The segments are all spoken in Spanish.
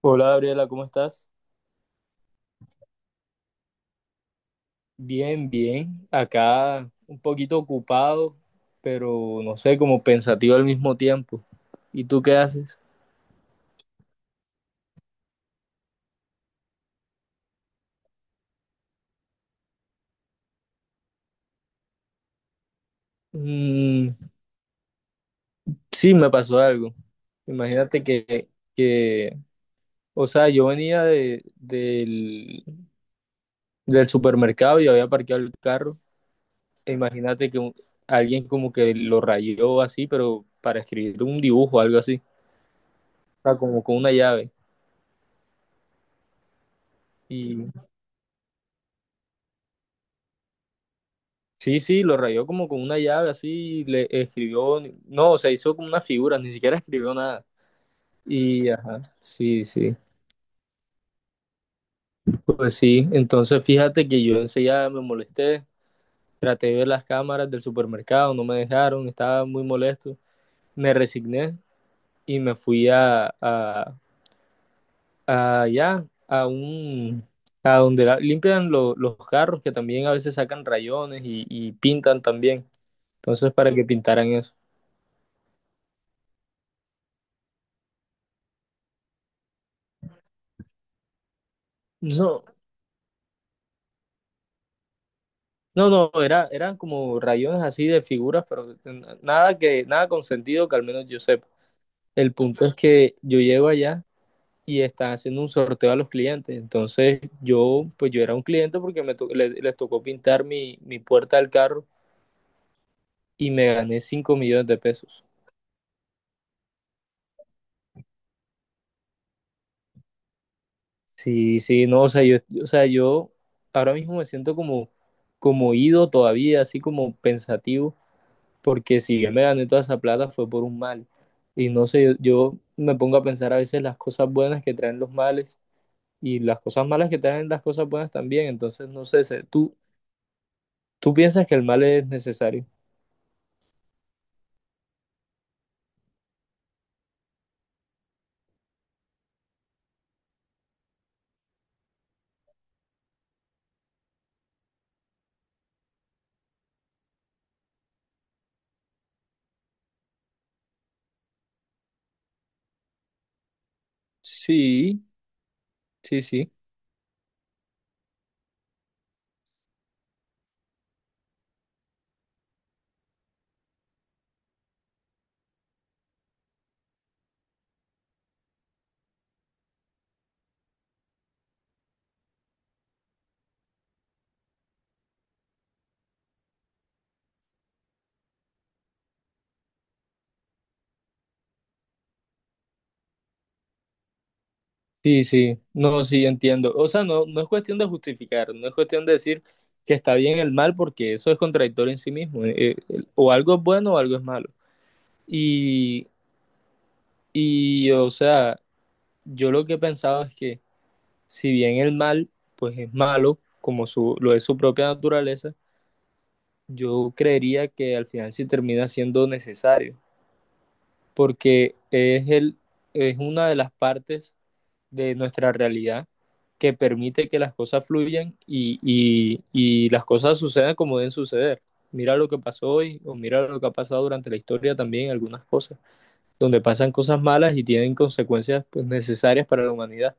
Hola Gabriela, ¿cómo estás? Bien, bien. Acá un poquito ocupado, pero no sé, como pensativo al mismo tiempo. ¿Y tú qué haces? Mm, sí, me pasó algo. Imagínate que, que o sea, yo venía del supermercado y había parqueado el carro. E imagínate que alguien como que lo rayó así, pero para escribir un dibujo, algo así. O sea, como con una llave. Sí, sí, lo rayó como con una llave así, le escribió, no, o sea, hizo como una figura, ni siquiera escribió nada. Y ajá, sí, sí, pues sí, entonces fíjate que yo enseguida me molesté, traté de ver las cámaras del supermercado, no me dejaron, estaba muy molesto, me resigné y me fui a allá, a donde limpian los carros, que también a veces sacan rayones y pintan también, entonces para que pintaran eso. No, no, no, era, eran como rayones así de figuras, pero nada con sentido, que al menos yo sepa. El punto es que yo llego allá y están haciendo un sorteo a los clientes. Entonces pues yo era un cliente porque les tocó pintar mi puerta del carro y me gané 5 millones de pesos. Sí, sí, no, o sea, o sea, yo ahora mismo me siento como ido todavía, así como pensativo porque si yo me gané toda esa plata fue por un mal. Y no sé, yo me pongo a pensar a veces las cosas buenas que traen los males y las cosas malas que traen las cosas buenas también. Entonces, no sé, ¿tú piensas que el mal es necesario? Sí, sí, sí. Sí, sí, no, sí, entiendo. O sea, no, no es cuestión de justificar, no es cuestión de decir que está bien el mal, porque eso es contradictorio en sí mismo. O algo es bueno o algo es malo. Y, o sea, yo lo que pensaba es que si bien el mal pues es malo, como su, lo es su propia naturaleza, yo creería que al final sí termina siendo necesario, porque es una de las partes de nuestra realidad que permite que las cosas fluyan y las cosas sucedan como deben suceder. Mira lo que pasó hoy o mira lo que ha pasado durante la historia también, algunas cosas, donde pasan cosas malas y tienen consecuencias pues necesarias para la humanidad.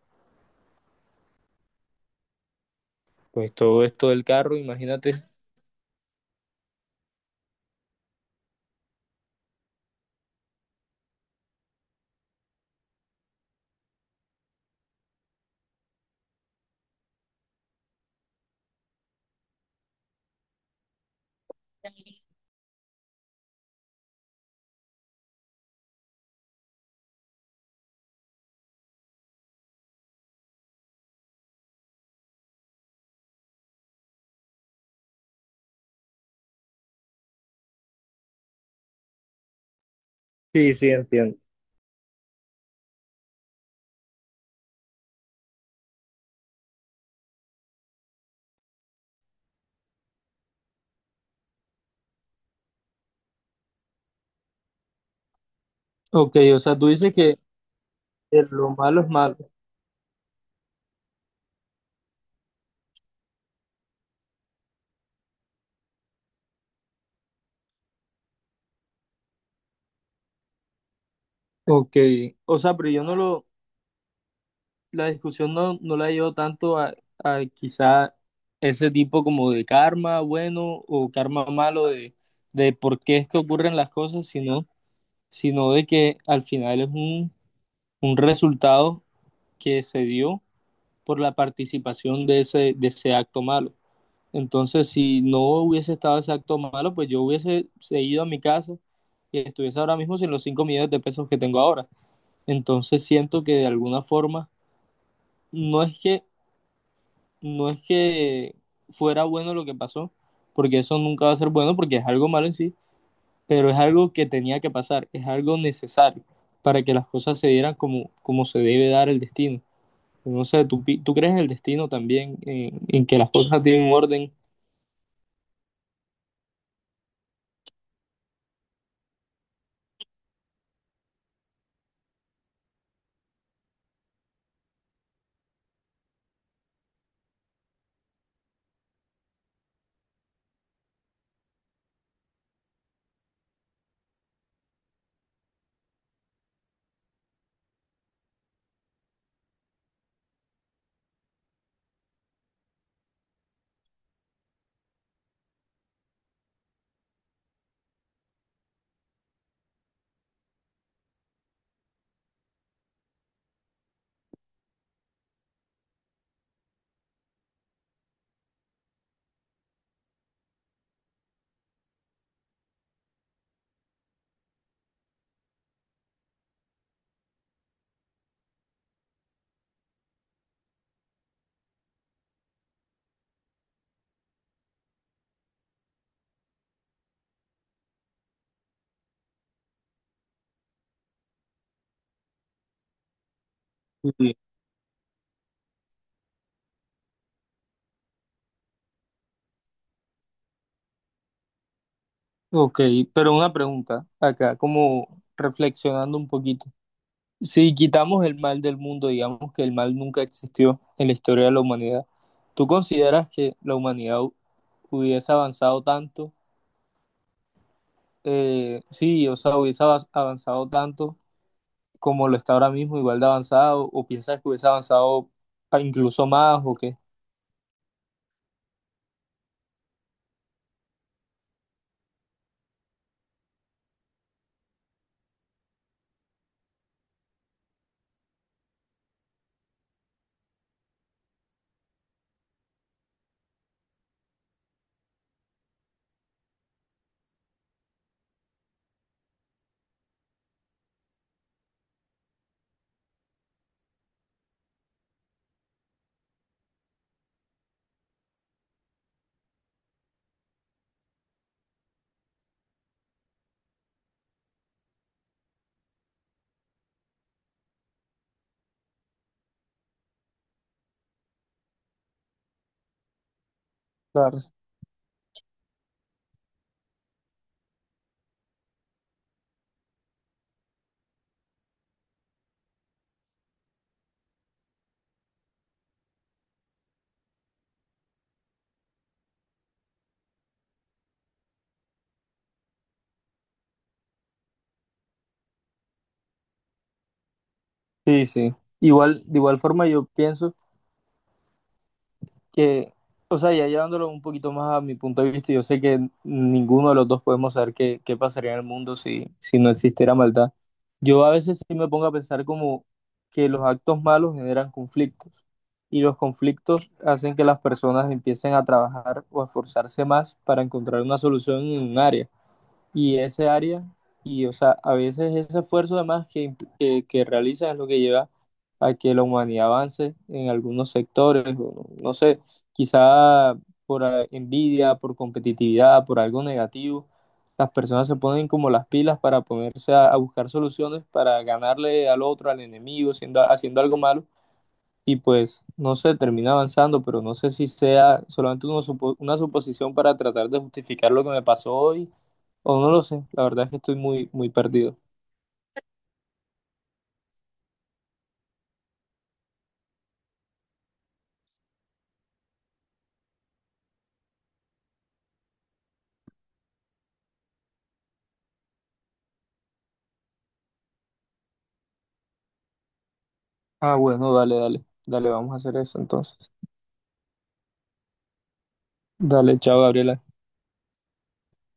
Pues todo esto del carro, imagínate. Sí, sí, entiendo. Ok, o sea, tú dices que lo malo es malo. Ok, o sea, pero yo no lo, la discusión no, no la llevo tanto a, quizá ese tipo como de karma bueno o karma malo de por qué es que ocurren las cosas, sino de que al final es un resultado que se dio por la participación de ese acto malo. Entonces, si no hubiese estado ese acto malo, pues yo hubiese seguido a mi casa y estuviese ahora mismo sin los 5 millones de pesos que tengo ahora. Entonces, siento que de alguna forma, no es que, no es que fuera bueno lo que pasó, porque eso nunca va a ser bueno, porque es algo malo en sí, pero es algo que tenía que pasar, es algo necesario para que las cosas se dieran como, como se debe dar el destino. No sé, ¿tú crees en el destino también, en que las sí, cosas tienen un orden? Ok, pero una pregunta acá, como reflexionando un poquito. Si quitamos el mal del mundo, digamos que el mal nunca existió en la historia de la humanidad, ¿tú consideras que la humanidad hubiese avanzado tanto? Sí, o sea, hubiese avanzado tanto como lo está ahora mismo, igual de avanzado, ¿o piensas que hubiese avanzado, incluso más o qué? Claro. Sí, sí. Igual, de igual forma yo pienso que, o sea, ya llevándolo un poquito más a mi punto de vista, yo sé que ninguno de los dos podemos saber qué, pasaría en el mundo si no existiera maldad. Yo a veces sí me pongo a pensar como que los actos malos generan conflictos y los conflictos hacen que las personas empiecen a trabajar o a esforzarse más para encontrar una solución en un área y ese área, y o sea, a veces ese esfuerzo además que realiza es lo que lleva a que la humanidad avance en algunos sectores, o no, no sé, quizá por envidia, por competitividad, por algo negativo, las personas se ponen como las pilas para ponerse a buscar soluciones para ganarle al otro, al enemigo, haciendo algo malo. Y pues no sé, termina avanzando, pero no sé si sea solamente una suposición para tratar de justificar lo que me pasó hoy, o no lo sé, la verdad es que estoy muy, muy perdido. Ah, bueno, dale, dale, dale, vamos a hacer eso entonces. Dale, chao, Gabriela.